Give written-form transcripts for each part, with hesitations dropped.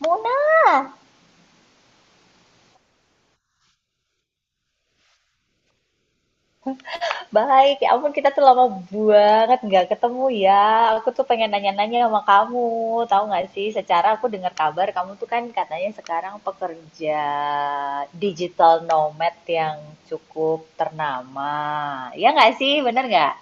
Muna, baik. Ya ampun, kita tuh lama banget nggak ketemu ya. Aku tuh pengen nanya-nanya sama kamu. Tahu nggak sih, secara aku dengar kabar kamu tuh kan katanya sekarang pekerja digital nomad yang cukup ternama. Ya nggak sih, bener nggak?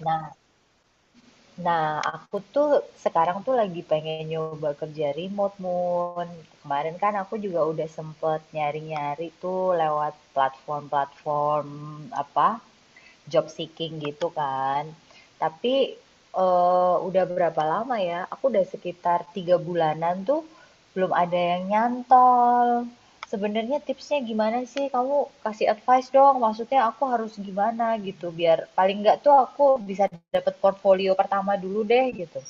Nah, nah, aku tuh sekarang tuh lagi pengen nyoba kerja remote, Moon. Kemarin kan aku juga udah sempet nyari-nyari tuh lewat platform-platform apa job seeking gitu kan. Tapi udah berapa lama ya? Aku udah sekitar tiga bulanan tuh belum ada yang nyantol. Sebenarnya tipsnya gimana sih? Kamu kasih advice dong. Maksudnya aku harus gimana gitu biar paling nggak tuh aku bisa dapet portfolio pertama dulu deh gitu.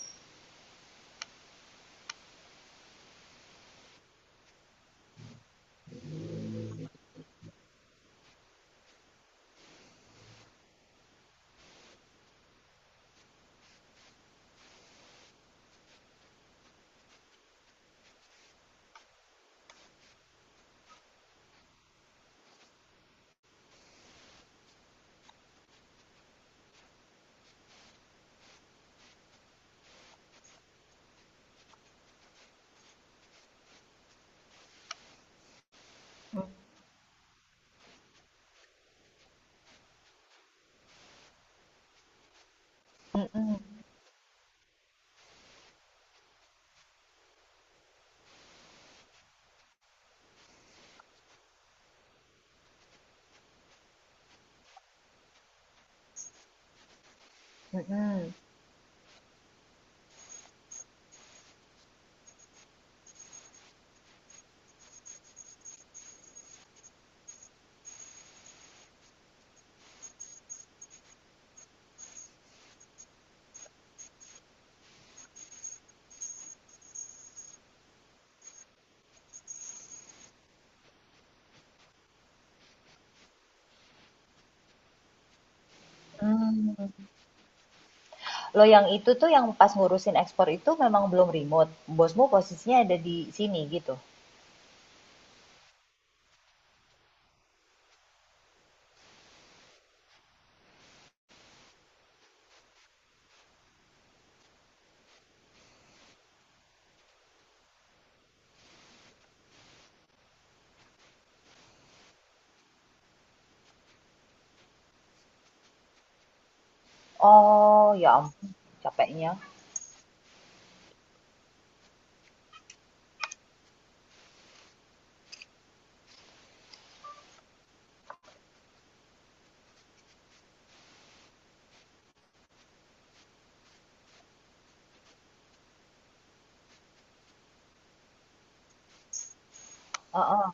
Mm-mm. Mm-mm. Hmm. Lo yang itu tuh yang pas ngurusin ekspor itu memang belum remote. Bosmu posisinya ada di sini gitu. Oh, ya ampun capeknya. Heeh,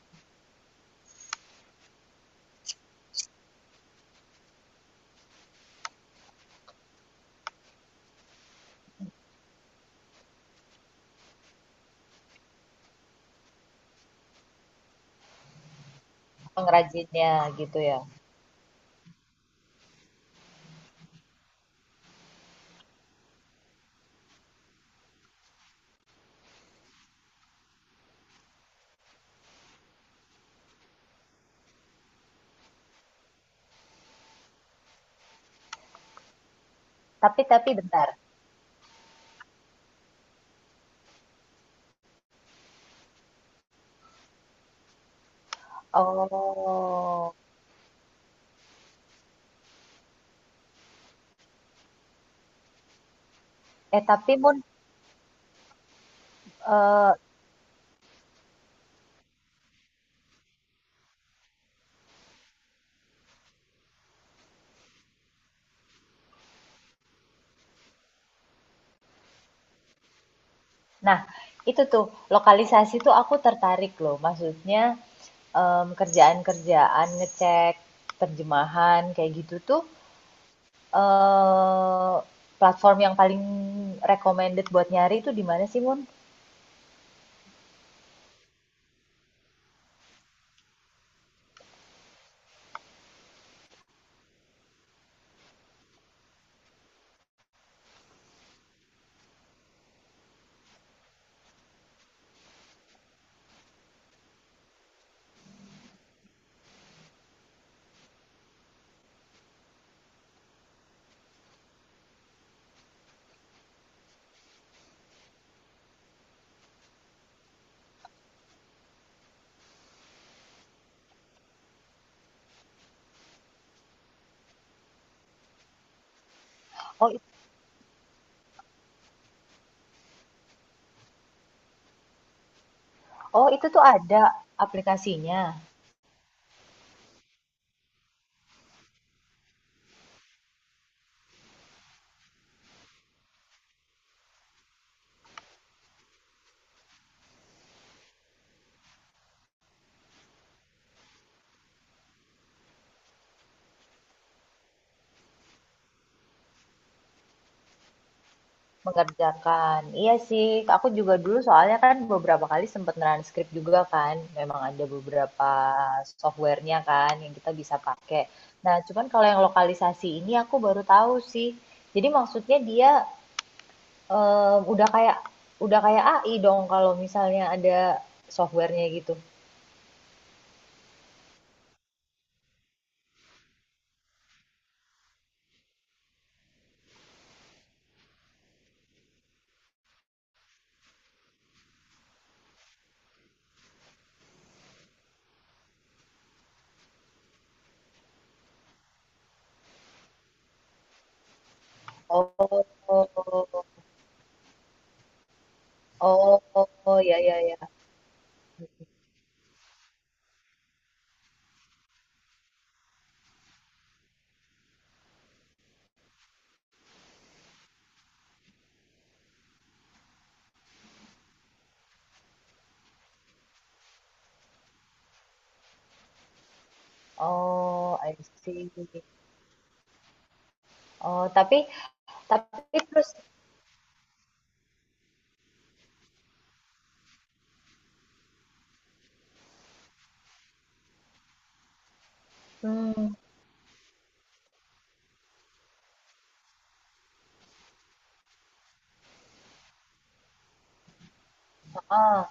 pengrajinnya gitu ya. Tapi bentar. Oh. Eh tapi Mun, eh, nah itu tuh lokalisasi tuh aku tertarik loh. Maksudnya kerjaan-kerjaan ngecek terjemahan kayak gitu tuh eh platform yang paling recommended buat nyari itu di mana sih Mun? Oh, i- oh itu tuh ada aplikasinya. Mengerjakan. Iya sih, aku juga dulu soalnya kan beberapa kali sempet transkrip juga kan. Memang ada beberapa software kan yang kita bisa pakai. Nah, cuman kalau yang lokalisasi ini aku baru tahu sih. Jadi maksudnya dia eh, udah kayak udah kayak AI dong kalau misalnya ada software-nya gitu. Oh, oh, oh, oh, ya, ya, ya. Oh, I see. Oh, tapi, tapi terus, hmm, ah.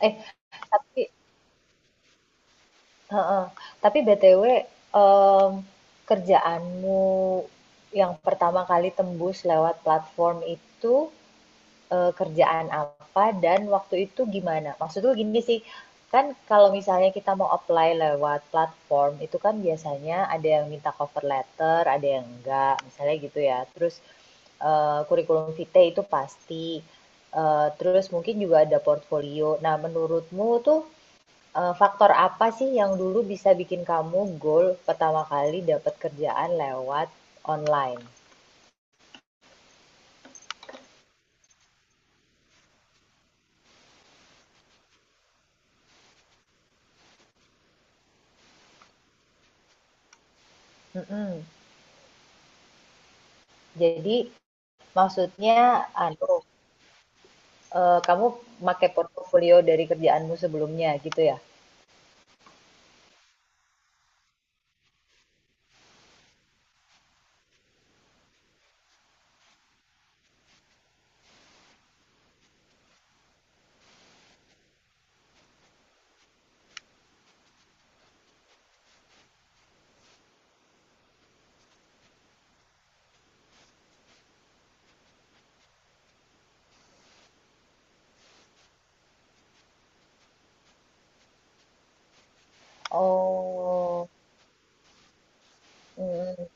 Eh, tapi heeh, tapi BTW, mmm, kerjaanmu yang pertama kali tembus lewat platform itu, kerjaan apa dan waktu itu gimana? Maksudku gini sih, kan kalau misalnya kita mau apply lewat platform, itu kan biasanya ada yang minta cover letter, ada yang enggak, misalnya gitu ya. Terus, kurikulum vitae itu pasti, terus mungkin juga ada portfolio. Nah, menurutmu tuh faktor apa sih yang dulu bisa bikin kamu goal pertama kali dapat kerjaan lewat online? Mhm. Jadi maksudnya anu, kamu pakai portofolio dari kerjaanmu sebelumnya gitu ya? Oh, mhm,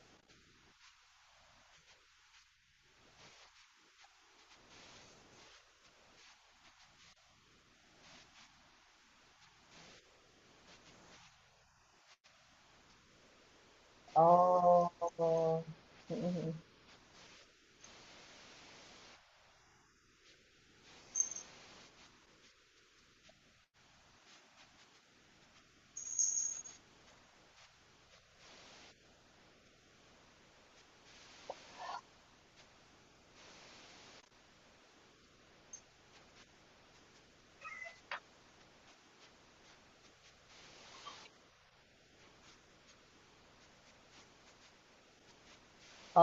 oh, mhm mhm.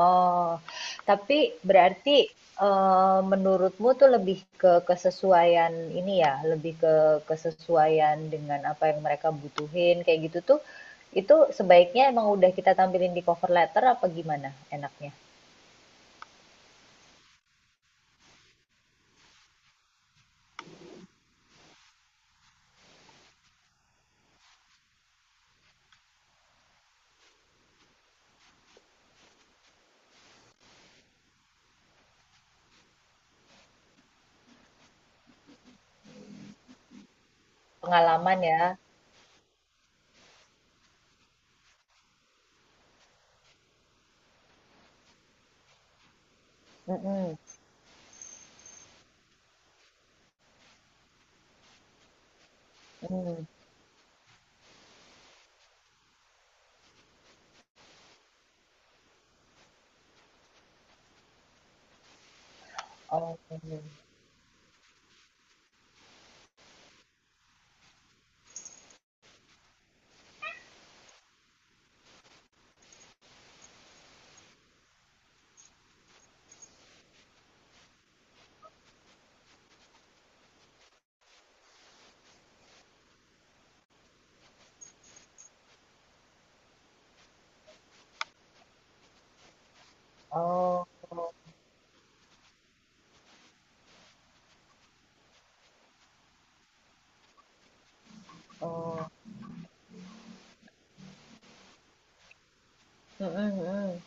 Oh, tapi berarti menurutmu tuh lebih ke kesesuaian ini ya, lebih ke kesesuaian dengan apa yang mereka butuhin kayak gitu tuh, itu sebaiknya emang udah kita tampilin di cover letter apa gimana enaknya? Pengalaman ya. Mm-mm. Mm. Oh, oh, oh. Mm-mm, mm.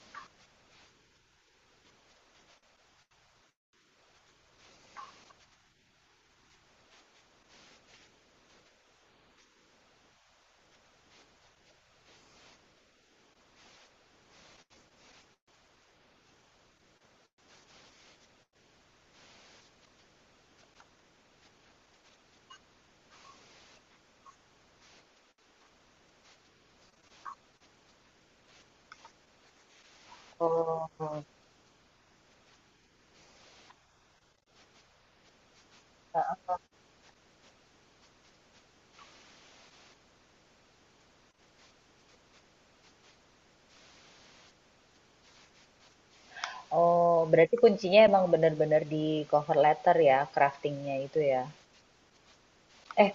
Oh, oh, berarti kuncinya emang bener-bener di cover letter ya, craftingnya itu ya. Eh,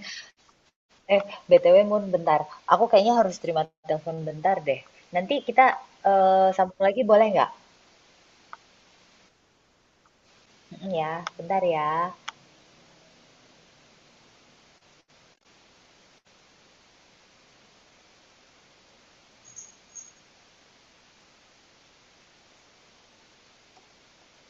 Eh, BTW Mun, bentar. Aku kayaknya harus terima telepon bentar deh. Nanti kita sambung lagi boleh nggak? Mm, ya, bentar ya.